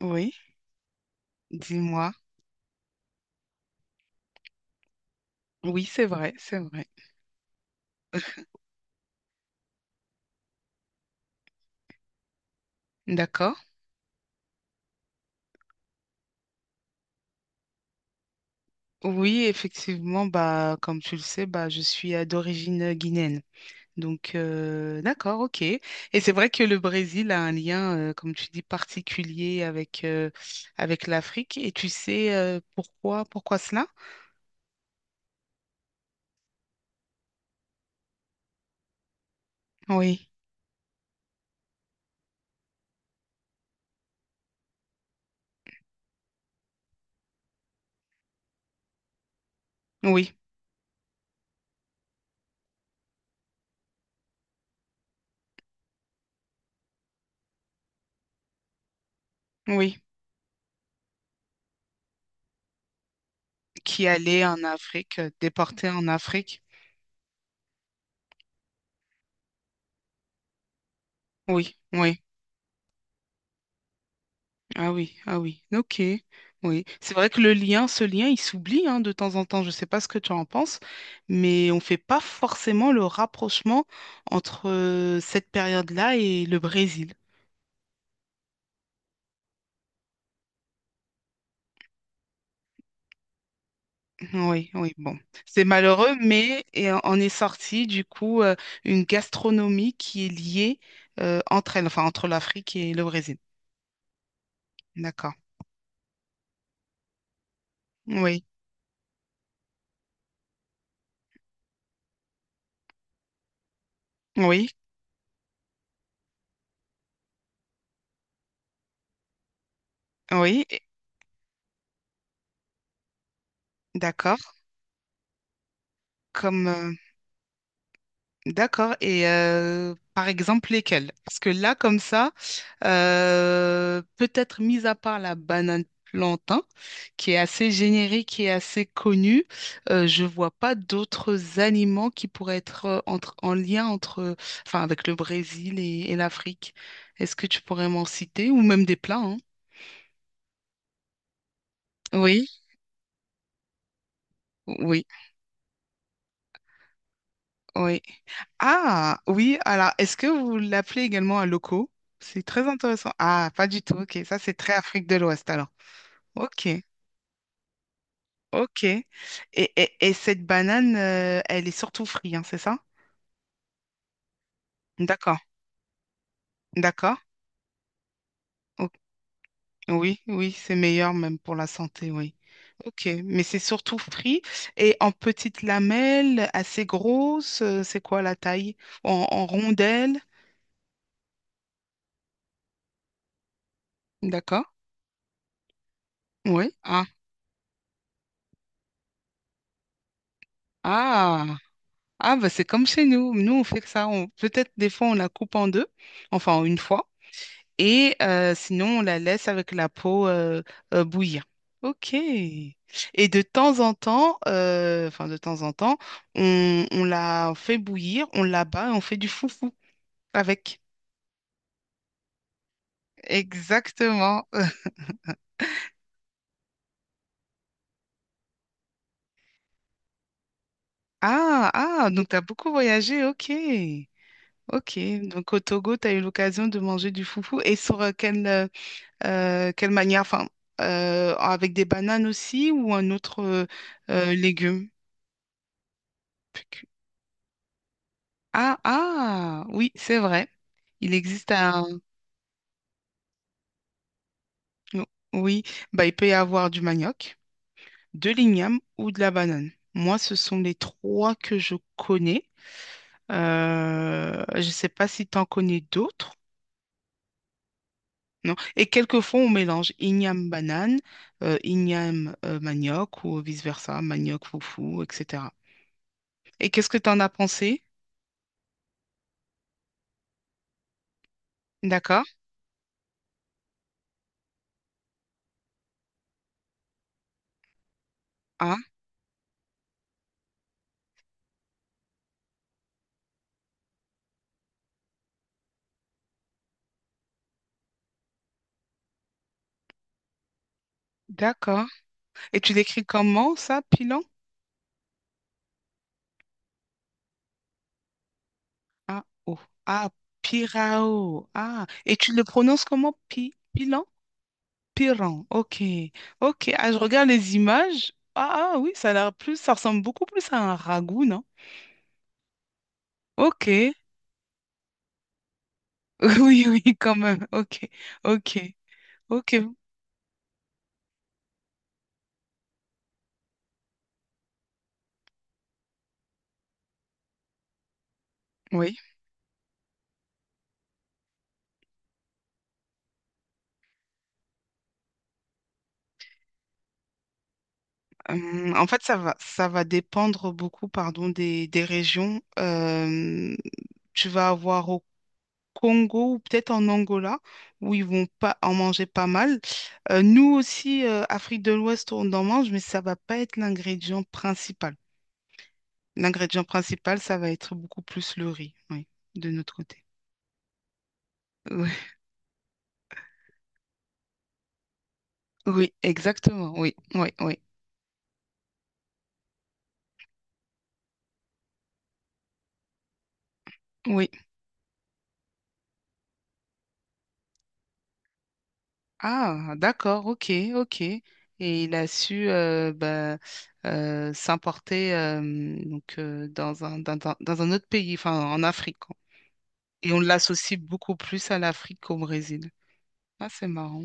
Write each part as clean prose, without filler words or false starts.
Oui, dis-moi. Oui, c'est vrai, c'est vrai. D'accord. Oui, effectivement, bah, comme tu le sais, bah, je suis d'origine guinéenne. Donc, d'accord, ok. Et c'est vrai que le Brésil a un lien, comme tu dis, particulier avec, avec l'Afrique. Et tu sais pourquoi cela? Oui, oui, oui. Qui allait en Afrique, déporté en Afrique. Oui, oui. Ah oui, ah oui, ok, oui. C'est vrai que le lien, ce lien, il s'oublie hein, de temps en temps. Je ne sais pas ce que tu en penses, mais on ne fait pas forcément le rapprochement entre cette période-là et le Brésil. Oui, oui, bon. C'est malheureux, mais en est sorti du coup une gastronomie qui est liée entre elles, enfin entre l'Afrique et le Brésil. D'accord. Oui, oui, oui, d'accord. Comme D'accord. Et par exemple, lesquels? Parce que là, comme ça, peut-être mis à part la banane plantain, qui est assez générique et assez connue, je vois pas d'autres aliments qui pourraient être entre, en lien entre, enfin, avec le Brésil et l'Afrique. Est-ce que tu pourrais m'en citer? Ou même des plats, hein? Oui, oui, oui. Ah, oui, alors, est-ce que vous l'appelez également un loco? C'est très intéressant. Ah, pas du tout, ok. Ça, c'est très Afrique de l'Ouest, alors. Ok, ok. Et cette banane, elle est surtout frite, hein, c'est ça? D'accord, d'accord. O- Oui, oui, c'est meilleur même pour la santé, oui. Ok, mais c'est surtout frit et en petites lamelles, assez grosses, c'est quoi la taille? En rondelles, d'accord? Oui. Ah, ah. Ah, bah, c'est comme chez nous. Nous, on fait que ça. Peut-être des fois, on la coupe en deux, enfin en une fois, et sinon, on la laisse avec la peau bouillir. OK. Et de temps en temps, enfin de temps en temps, on la fait bouillir, on la bat et on fait du foufou avec. Exactement. Ah, ah, donc tu as beaucoup voyagé. OK. OK. Donc au Togo, tu as eu l'occasion de manger du foufou. Et sur quelle manière? Enfin, avec des bananes aussi ou un autre légume? Ah, ah, oui, c'est vrai. Il existe un... oh, oui, bah, il peut y avoir du manioc, de l'igname ou de la banane. Moi, ce sont les trois que je connais. Je ne sais pas si tu en connais d'autres. Non. Et quelquefois, on mélange igname-banane, igname-manioc ou vice-versa, manioc-foufou, etc. Et qu'est-ce que tu en as pensé? D'accord? Ah, d'accord. Et tu l'écris comment ça, pilon? Ah, oh. Ah, pirao. Ah, et tu le prononces comment? Pilon? Piran. Ok. Ok. Ah, je regarde les images. Ah, ah, oui, ça a l'air plus, ça ressemble beaucoup plus à un ragoût, non? Ok. Oui, oui, quand même. Ok. Ok. Ok. Oui. En fait, ça va dépendre beaucoup, pardon, des régions. Tu vas avoir Congo ou peut-être en Angola, où ils vont pas en manger pas mal. Nous aussi, Afrique de l'Ouest, on en mange, mais ça va pas être l'ingrédient principal. L'ingrédient principal, ça va être beaucoup plus le riz, oui, de notre côté. Oui, oui, exactement, oui, oui, oui, oui. Ah, d'accord, ok, ok. Et il a su bah, s'importer donc dans un autre pays, enfin en Afrique. Et on l'associe beaucoup plus à l'Afrique qu'au Brésil. Ah, c'est marrant.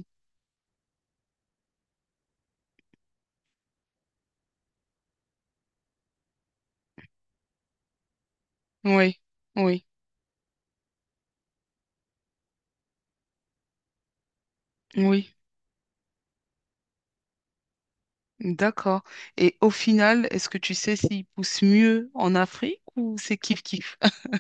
Oui, oui, oui. D'accord. Et au final, est-ce que tu sais s'ils poussent mieux en Afrique ou c'est kiff-kiff?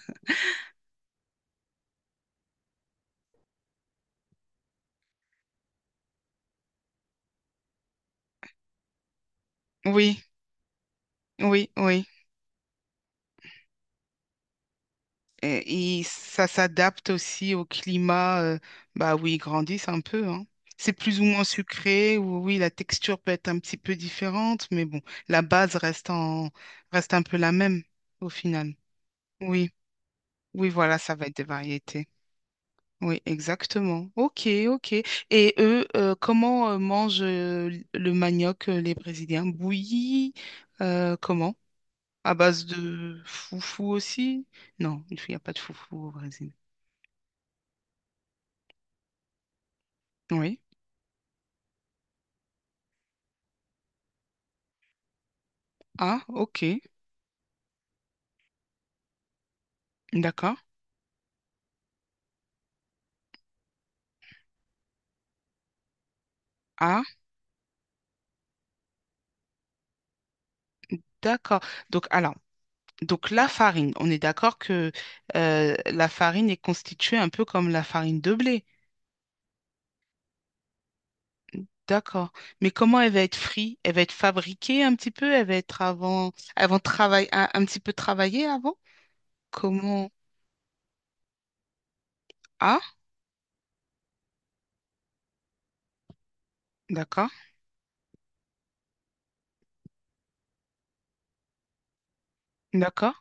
Oui, oui, oui. Et ça s'adapte aussi au climat, bah oui, ils grandissent un peu, hein. C'est plus ou moins sucré, ou oui, la texture peut être un petit peu différente, mais bon, la base reste un peu la même au final. Oui, oui, voilà, ça va être des variétés. Oui, exactement. Ok, ok. Et eux, comment mangent le manioc, les Brésiliens? Bouilli, comment? À base de foufou aussi? Non, il n'y a pas de foufou au Brésil. Oui. Ah, ok. D'accord. Ah, d'accord. Donc, alors, donc la farine, on est d'accord que la farine est constituée un peu comme la farine de blé. D'accord. Mais comment elle va être frite? Elle va être fabriquée un petit peu? Elle va être avant, avant travail, un petit peu travaillée avant? Comment? Ah, d'accord, d'accord.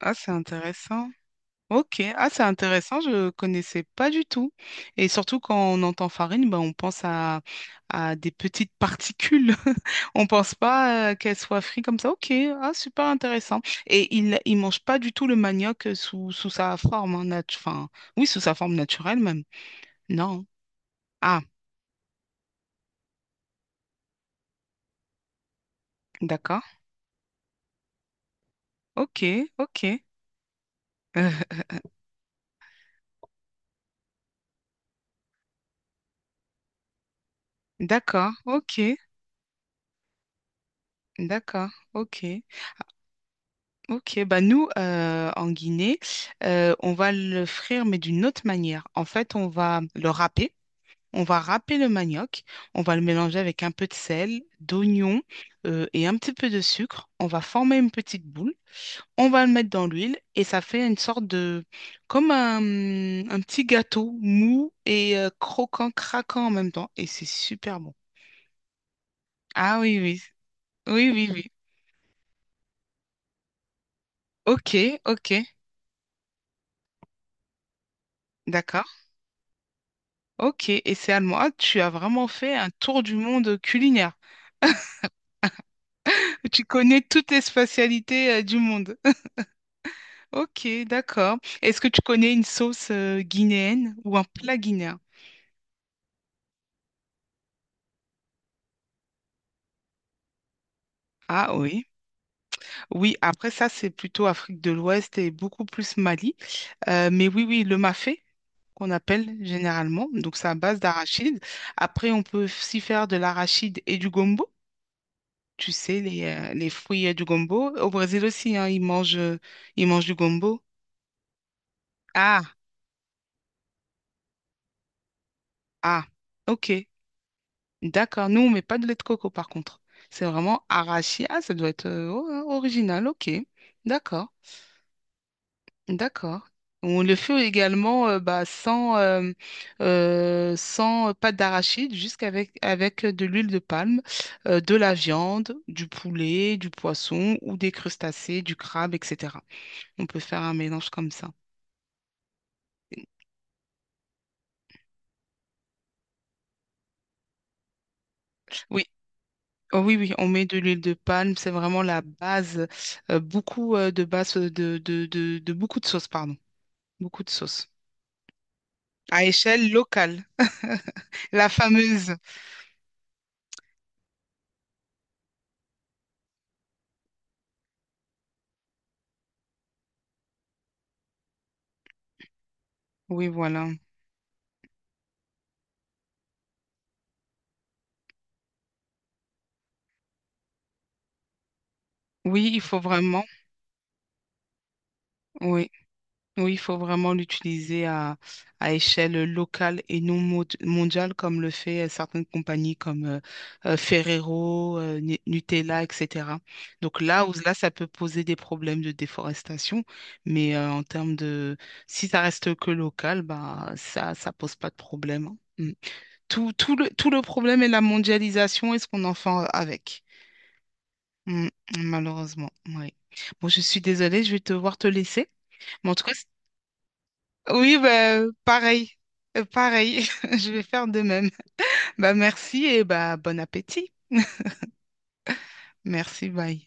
Ah, c'est intéressant. Ok, ah, c'est intéressant, je ne connaissais pas du tout. Et surtout quand on entend farine, ben, on pense à des petites particules. On pense pas qu'elle soit frite comme ça. Ok, ah, super intéressant. Et il mange pas du tout le manioc sous sa forme, hein, enfin, oui, sous sa forme naturelle même. Non. Ah, d'accord. Ok, ok. Euh, d'accord, ok. D'accord, ok. Ok, bah nous, en Guinée, on va le frire, mais d'une autre manière. En fait, on va le râper. On va râper le manioc. On va le mélanger avec un peu de sel, d'oignon et un petit peu de sucre. On va former une petite boule. On va le mettre dans l'huile et ça fait une sorte de... comme un petit gâteau mou et croquant, craquant en même temps. Et c'est super bon. Ah oui, oui. Oui, oui, oui. Ok, ok. D'accord. Ok. Et c'est allemand. Ah, tu as vraiment fait un tour du monde culinaire. Tu connais toutes les spatialités du monde. Ok, d'accord. Est-ce que tu connais une sauce guinéenne ou un plat guinéen? Ah oui. Oui, après ça, c'est plutôt Afrique de l'Ouest et beaucoup plus Mali. Mais oui, oui, le mafé, qu'on appelle généralement. Donc, c'est à base d'arachide. Après, on peut aussi faire de l'arachide et du gombo. Tu sais, les fruits du gombo. Au Brésil aussi, hein, ils mangent du gombo. Ah, ah, ok, d'accord. Nous, on met pas de lait de coco, par contre. C'est vraiment arachide. Ah, ça doit être oh, hein, original, ok. D'accord, d'accord. On le fait également bah, sans pâte d'arachide, juste avec de l'huile de palme, de la viande, du poulet, du poisson ou des crustacés, du crabe, etc. On peut faire un mélange comme ça. Oui, oh oui, oui, on met de l'huile de palme, c'est vraiment la base, beaucoup de base de beaucoup de sauces, pardon, beaucoup de sauces, à échelle locale, la fameuse. Oui, voilà. Oui, il faut vraiment, oui. Oui, il faut vraiment l'utiliser à échelle locale et non mondiale, comme le fait certaines compagnies comme Ferrero, Nutella, etc. Donc là, où, là, ça peut poser des problèmes de déforestation, mais en termes de... Si ça reste que local, bah, ça pose pas de problème. Hein. Mm. Tout, tout le problème est la mondialisation et ce qu'on en fait avec. Mm, Malheureusement, oui. Bon, je suis désolée, je vais devoir te laisser. Mais en tout cas, oui, bah, pareil. Pareil. Je vais faire de même. Bah, merci et bah, bon appétit. Merci, bye.